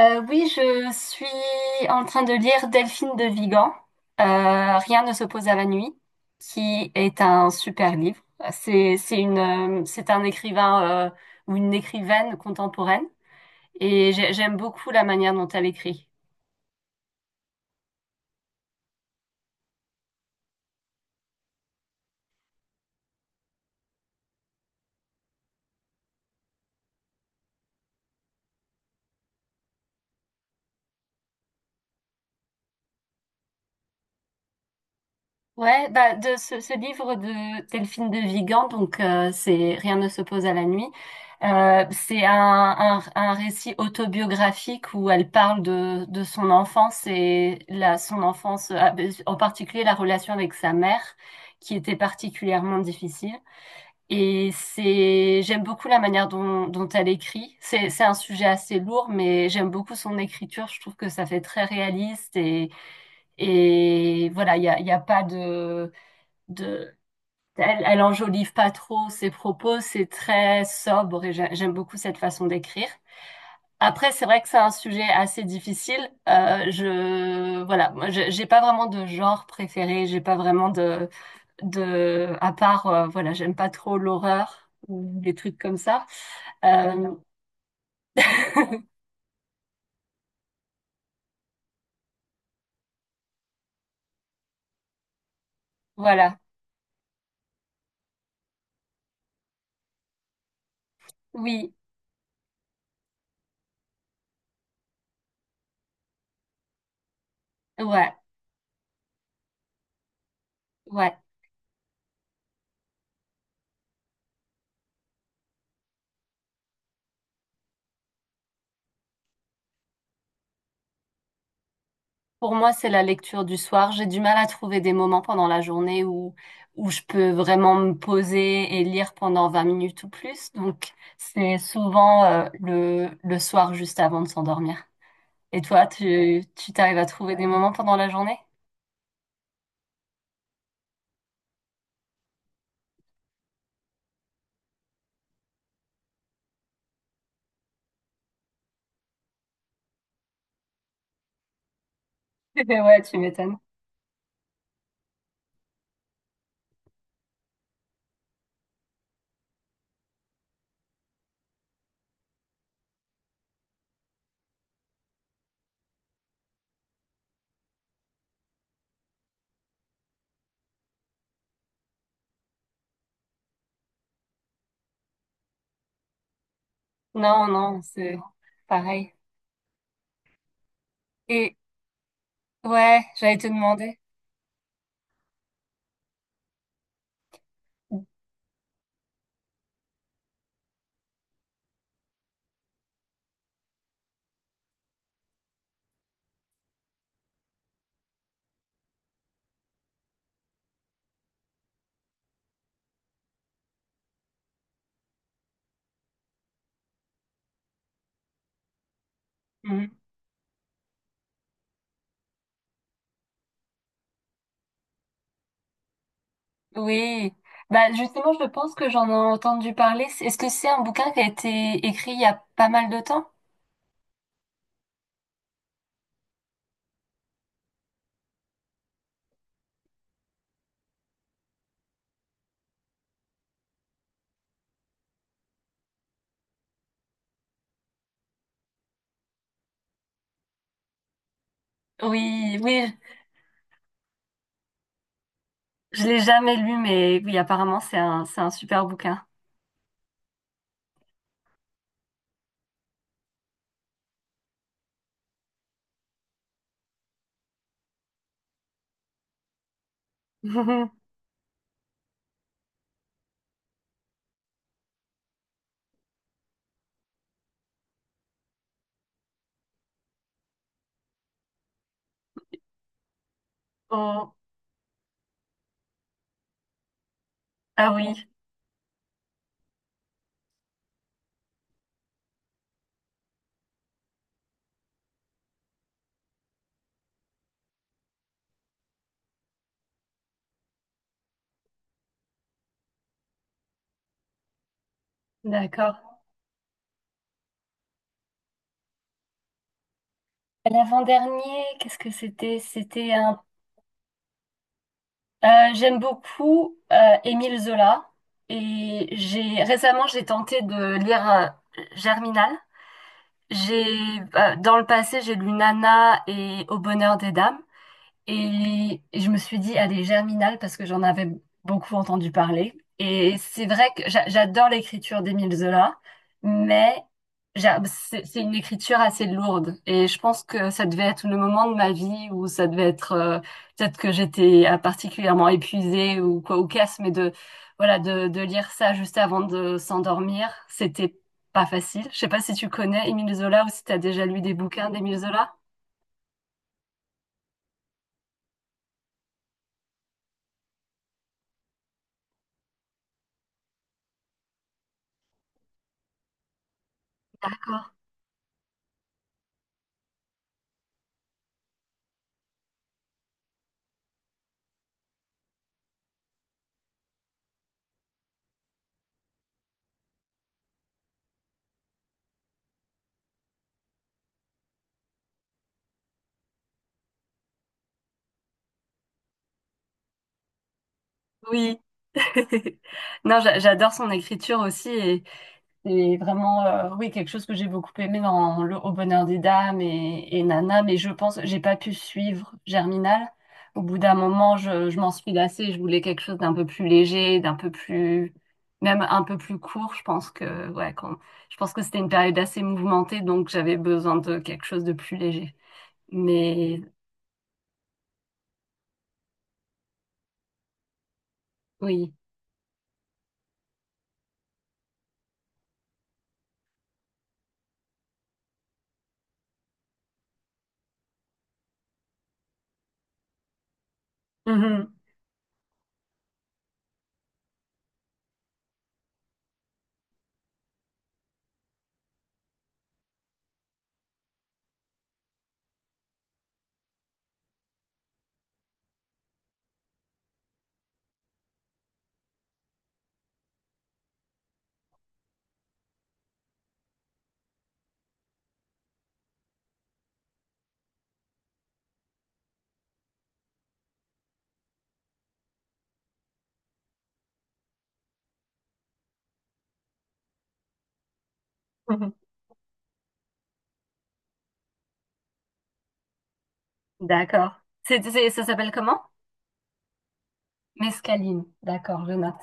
Oui, je suis en train de lire Delphine de Vigan, Rien ne s'oppose à la nuit, qui est un super livre. C'est une, c'est un écrivain ou une écrivaine contemporaine et j'aime beaucoup la manière dont elle écrit. Ouais, bah de ce livre de Delphine de Vigan, donc c'est Rien ne s'oppose à la nuit. C'est un récit autobiographique où elle parle de son enfance et la, son enfance, ah, ben, en particulier la relation avec sa mère, qui était particulièrement difficile. Et c'est, j'aime beaucoup la manière dont elle écrit. C'est un sujet assez lourd, mais j'aime beaucoup son écriture. Je trouve que ça fait très réaliste et voilà, il y a pas de de elle, elle enjolive pas trop ses propos, c'est très sobre et j'aime beaucoup cette façon d'écrire. Après, c'est vrai que c'est un sujet assez difficile. Je Voilà, moi, j'ai pas vraiment de genre préféré, j'ai pas vraiment de à part voilà, j'aime pas trop l'horreur ou des trucs comme ça. Euh, voilà, oui, ouais, ouais. Pour moi, c'est la lecture du soir. J'ai du mal à trouver des moments pendant la journée où je peux vraiment me poser et lire pendant 20 minutes ou plus. Donc, c'est souvent le soir juste avant de s'endormir. Et toi, tu t'arrives à trouver des moments pendant la journée? Ouais, tu m'étonnes. Non, non, c'est pareil. Et ouais, j'allais te demander. Mm. Mhm. Oui, bah justement, je pense que j'en ai entendu parler. C'est- Est-ce que c'est un bouquin qui a été écrit il y a pas mal de temps? Oui, oui, je l'ai jamais lu, mais oui, apparemment, c'est un super bouquin. Oh, ah oui, d'accord. L'avant-dernier, qu'est-ce que c'était? C'était un. J'aime beaucoup Émile Zola et j'ai récemment j'ai tenté de lire Germinal. J'ai Dans le passé j'ai lu Nana et Au bonheur des dames. Et je me suis dit, allez, Germinal, parce que j'en avais beaucoup entendu parler. Et c'est vrai que j'adore l'écriture d'Émile Zola, mais c'est une écriture assez lourde. Et je pense que ça devait être le moment de ma vie où ça devait être, peut-être que j'étais particulièrement épuisée ou quoi, ou casse, mais de, voilà, de lire ça juste avant de s'endormir, c'était pas facile. Je sais pas si tu connais Émile Zola ou si tu as déjà lu des bouquins d'Émile Zola. D'accord. Oui. Non, j'adore son écriture aussi et c'est vraiment oui quelque chose que j'ai beaucoup aimé dans Le Au bonheur des dames et Nana, mais je pense j'ai pas pu suivre Germinal. Au bout d'un moment, je m'en suis lassée. Je voulais quelque chose d'un peu plus léger, d'un peu plus même un peu plus court. Je pense que ouais, quand, je pense que c'était une période assez mouvementée, donc j'avais besoin de quelque chose de plus léger. Mais oui. Mhm. Mhm. D'accord. Ça s'appelle comment? Mescaline, d'accord, je note.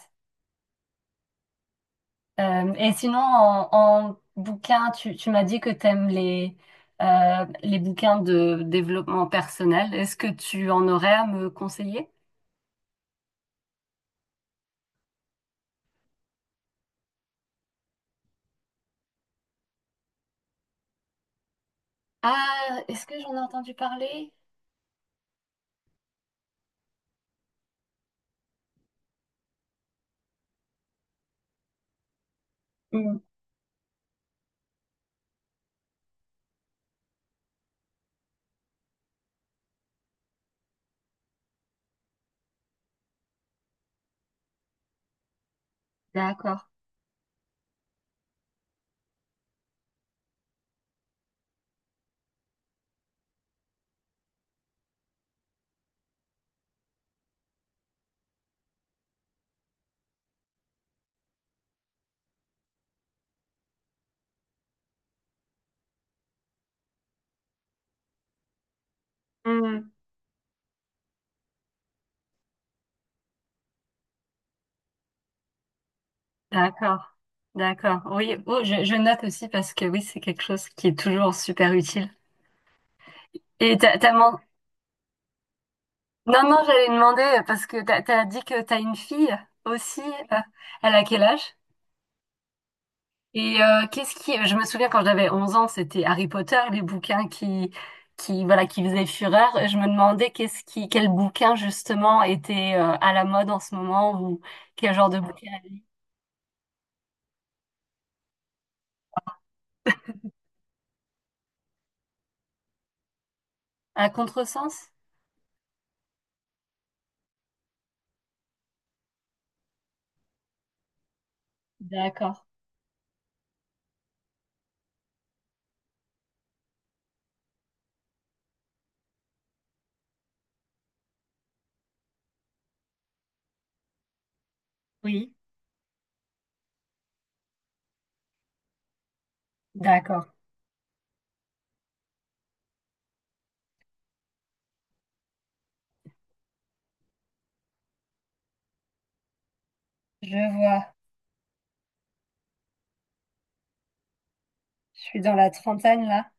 Et sinon, en, en bouquin, tu m'as dit que tu aimes les bouquins de développement personnel. Est-ce que tu en aurais à me conseiller? Ah, est-ce que j'en ai entendu parler? Hmm, d'accord. Hmm, d'accord. D'accord. Oui, oh, je note aussi parce que oui, c'est quelque chose qui est toujours super utile. Et Non, non, j'allais demander parce que t'as dit que t'as une fille aussi. euh, Elle a quel âge? Et qu'est-ce qui... Je me souviens quand j'avais 11 ans, c'était Harry Potter, les bouquins qui, voilà, qui faisaient fureur. Et je me demandais qu'est-ce qui, quel bouquin justement était à la mode en ce moment ou quel genre de bouquin à lire. À contresens? D'accord, oui, d'accord. Je vois. Je suis dans la trentaine là.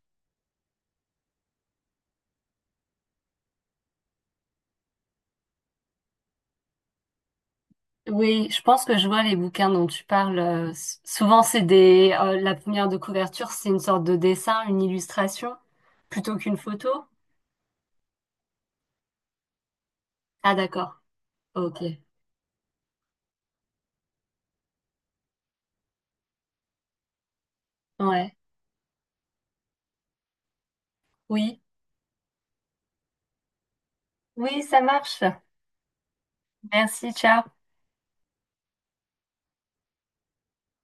Oui, je pense que je vois les bouquins dont tu parles. Souvent, c'est des, la première de couverture, c'est une sorte de dessin, une illustration, plutôt qu'une photo. Ah, d'accord. Ok. Ouais. Oui, oui, ça marche. Merci, ciao.